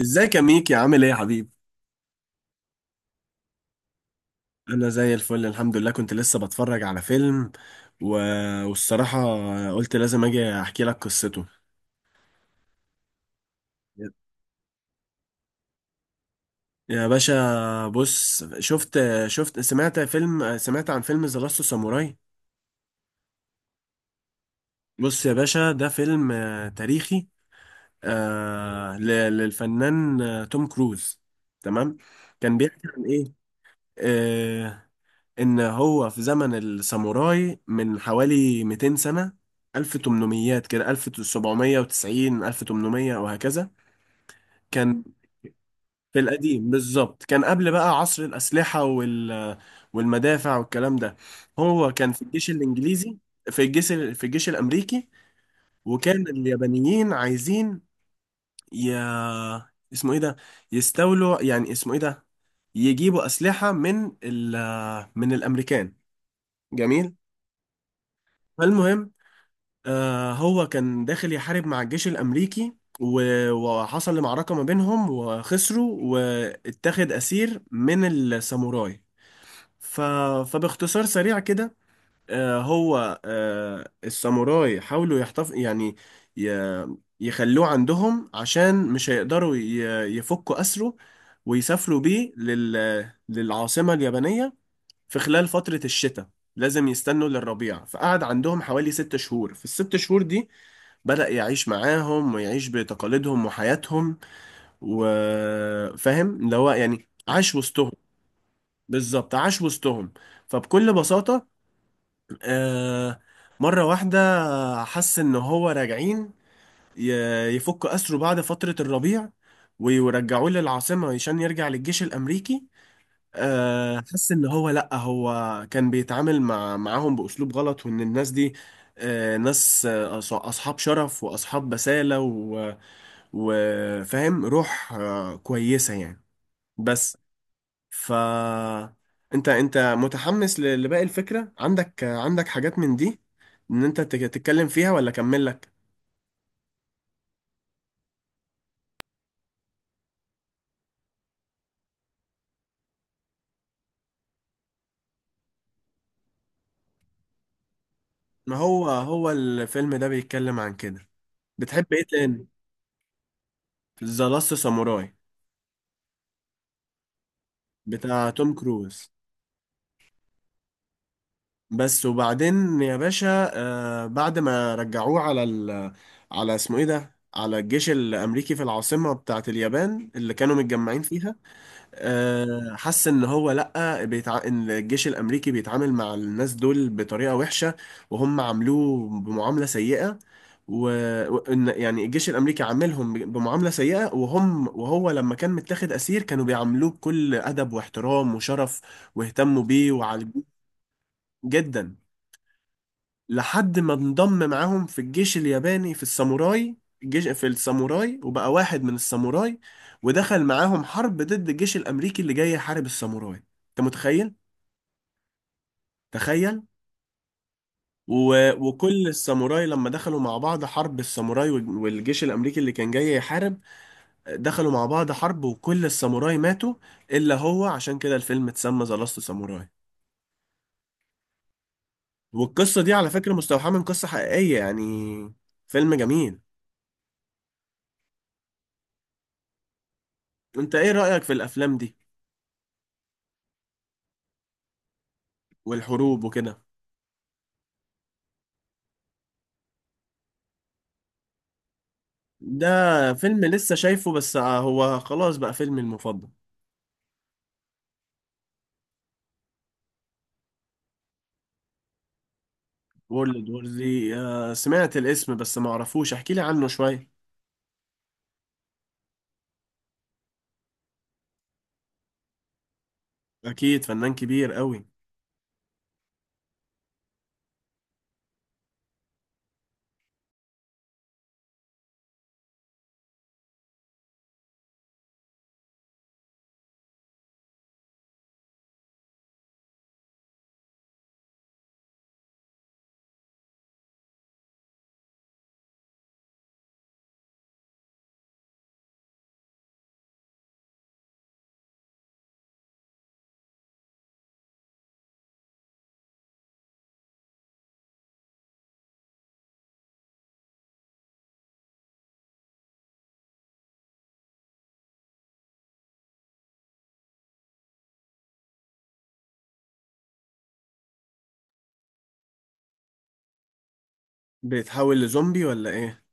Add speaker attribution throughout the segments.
Speaker 1: ازيك يا ميكي، عامل ايه يا حبيبي؟ انا زي الفل الحمد لله. كنت لسه بتفرج على فيلم و... والصراحة قلت لازم اجي احكي لك قصته. يا باشا بص، شفت سمعت عن فيلم ذا لاست ساموراي. بص يا باشا، ده فيلم تاريخي، آه، ل- للفنان توم كروز. تمام. كان بيحكي عن ايه؟ آه، ان هو في زمن الساموراي من حوالي 200 سنة، 1800 كده، 1790، 1800 وهكذا. كان في القديم بالظبط، كان قبل بقى عصر الأسلحة والمدافع والكلام ده. هو كان في الجيش الإنجليزي، في الجيش الأمريكي. وكان اليابانيين عايزين ي... اسمه ايه ده، يستولوا يعني، اسمه ايه ده، يجيبوا أسلحة من الأمريكان. جميل. فالمهم، هو كان داخل يحارب مع الجيش الأمريكي، وحصل معركة ما بينهم وخسروا، واتخذ أسير من الساموراي. ف... فباختصار سريع كده، هو الساموراي حاولوا ي... يخلوه عندهم عشان مش هيقدروا يفكوا أسره، ويسافروا بيه للعاصمة اليابانية. في خلال فترة الشتاء لازم يستنوا للربيع، فقعد عندهم حوالي 6 شهور. في الست شهور دي بدأ يعيش معاهم ويعيش بتقاليدهم وحياتهم، وفاهم اللي هو يعني، عاش وسطهم. بالظبط، عاش وسطهم. فبكل بساطة، آه، مرة واحدة حس إن هو راجعين ي- يفكوا أسره بعد فترة الربيع، ويرجعوه للعاصمة عشان يرجع للجيش الأمريكي. حس إن هو لأ، هو كان بيتعامل معاهم بأسلوب غلط، وإن الناس دي ناس أصحاب شرف وأصحاب بسالة، وفاهم روح كويسة يعني. بس ف انت متحمس لباقي الفكرة؟ عندك حاجات من دي تتكلم فيها، ولا اكمل لك؟ ما هو هو الفيلم ده بيتكلم عن كده. بتحب ايه تاني؟ ذا لاست ساموراي بتاع توم كروز. بس وبعدين يا باشا، آه بعد ما رجعوه على اسمه ايه ده، على الجيش الامريكي في العاصمة بتاعت اليابان اللي كانوا متجمعين فيها، حس ان هو لا ان الجيش الامريكي بيتعامل مع الناس دول بطريقه وحشه، وهم عاملوه بمعامله سيئه. و... وان يعني الجيش الامريكي عاملهم بمعامله سيئه، وهم وهو لما كان متاخد اسير كانوا بيعاملوه بكل ادب واحترام وشرف، واهتموا بيه وعالجوه جدا. لحد ما انضم معاهم في الجيش الياباني، في الساموراي، وبقى واحد من الساموراي، ودخل معاهم حرب ضد الجيش الأمريكي اللي جاي يحارب الساموراي. انت متخيل؟ تخيل. وكل الساموراي لما دخلوا مع بعض حرب، الساموراي والجيش الأمريكي اللي كان جاي يحارب، دخلوا مع بعض حرب، وكل الساموراي ماتوا إلا هو، عشان كده الفيلم اتسمى ذا لاست ساموراي. والقصة دي على فكرة مستوحاة من قصة حقيقية يعني. فيلم جميل. انت ايه رأيك في الأفلام دي؟ والحروب وكده. ده فيلم لسه شايفه بس هو خلاص بقى فيلمي المفضل. وورلد وور زي، سمعت الاسم بس ما اعرفوش، احكي لي عنه شوية. اكيد فنان كبير قوي. بيتحول لزومبي ولا ايه؟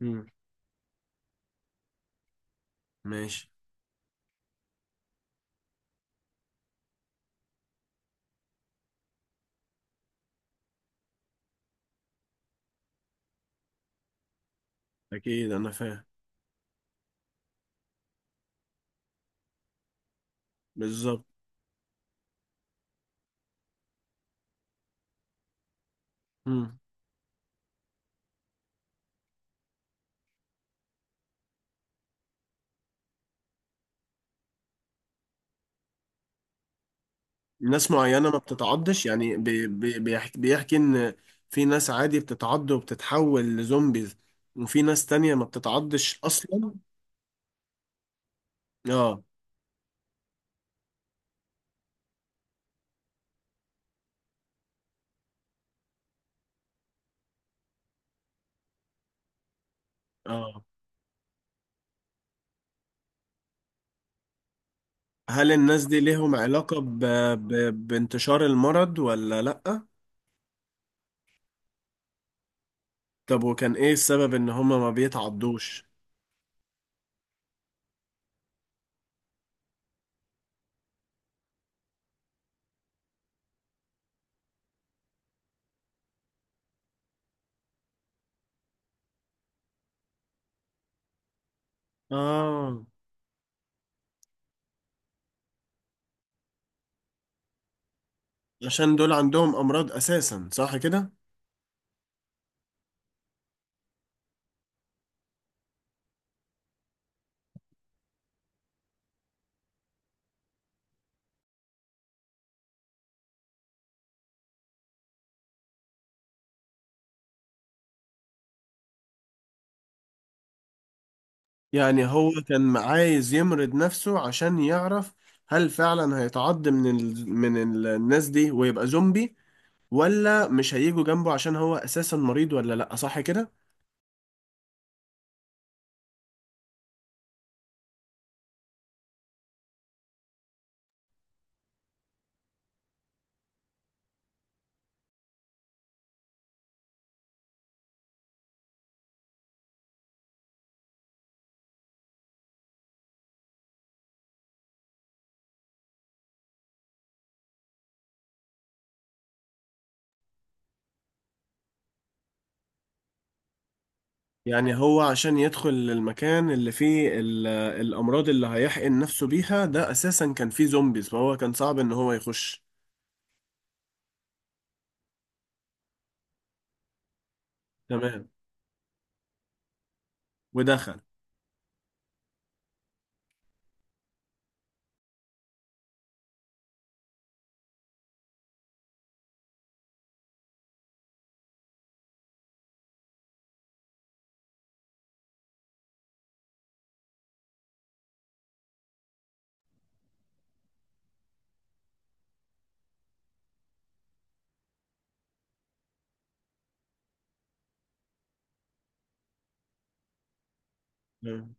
Speaker 1: مم. ماشي. اكيد انا فاهم. بالظبط. مم. ناس معينة ما بتتعضش يعني، بيحكي ان في ناس عادي بتتعض وبتتحول لزومبيز، وفي ناس تانية ما بتتعضش اصلا. اه. اه. هل الناس دي ليهم علاقة ب... بانتشار المرض ولا لأ؟ طب وكان ايه السبب ان هما ما بيتعضوش؟ آه، عشان دول عندهم أمراض أساسا، صح كده؟ يعني هو كان عايز يمرض نفسه عشان يعرف هل فعلا هيتعض من الناس دي ويبقى زومبي، ولا مش هيجوا جنبه عشان هو أساسا مريض، ولا لأ، صح كده؟ يعني هو عشان يدخل المكان اللي فيه الأمراض اللي هيحقن نفسه بيها ده، أساسا كان فيه زومبيز، فهو كان صعب إن هو يخش. تمام. ودخل. تمام.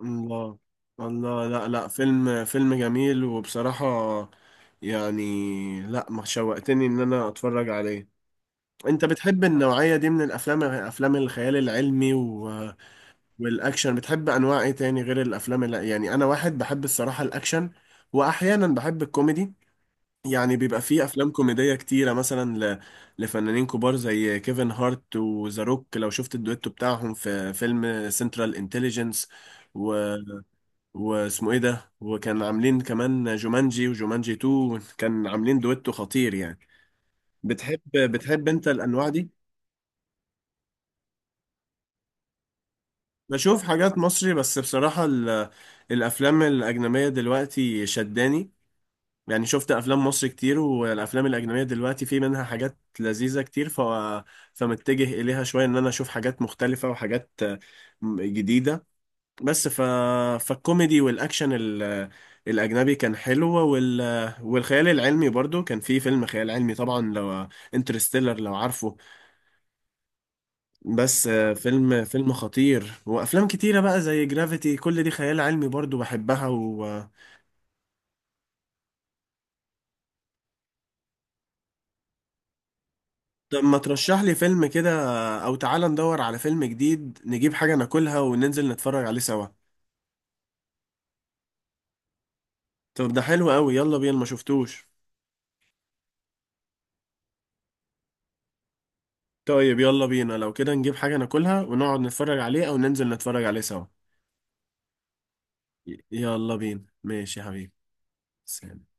Speaker 1: الله. الله. لا، لا، فيلم جميل وبصراحة يعني، لا ما شوقتني إن أنا أتفرج عليه. أنت بتحب النوعية دي من الأفلام؟ أفلام الخيال العلمي والأكشن؟ بتحب أنواع إيه تاني غير الأفلام اللي... يعني أنا واحد بحب الصراحة الأكشن، وأحيانا بحب الكوميدي. يعني بيبقى فيه افلام كوميديه كتيره مثلا لفنانين كبار زي كيفن هارت وذا روك، لو شفت الدويتو بتاعهم في فيلم سنترال انتليجنس و... واسمه ايه ده، وكان عاملين كمان جومانجي وجومانجي 2، كان عاملين دويتو خطير يعني. بتحب انت الانواع دي؟ بشوف حاجات مصري بس بصراحه الافلام الاجنبيه دلوقتي شداني، يعني شفت افلام مصر كتير والافلام الاجنبيه دلوقتي في منها حاجات لذيذه كتير. فمتجه اليها شويه ان انا اشوف حاجات مختلفه، وحاجات جديده. بس فالكوميدي والاكشن الاجنبي كان حلو. والخيال العلمي برضو، كان في فيلم خيال علمي طبعا، لو انترستيلر لو عارفه، بس فيلم خطير. وافلام كتيره بقى زي جرافيتي كل دي خيال علمي برضو بحبها طب ما ترشح لي فيلم كده، او تعالى ندور على فيلم جديد نجيب حاجة ناكلها وننزل نتفرج عليه سوا. طب ده حلو قوي، يلا بينا، ما شفتوش. طيب يلا بينا لو كده، نجيب حاجة ناكلها ونقعد نتفرج عليه، او ننزل نتفرج عليه سوا. يلا بينا ماشي يا حبيبي، سلام.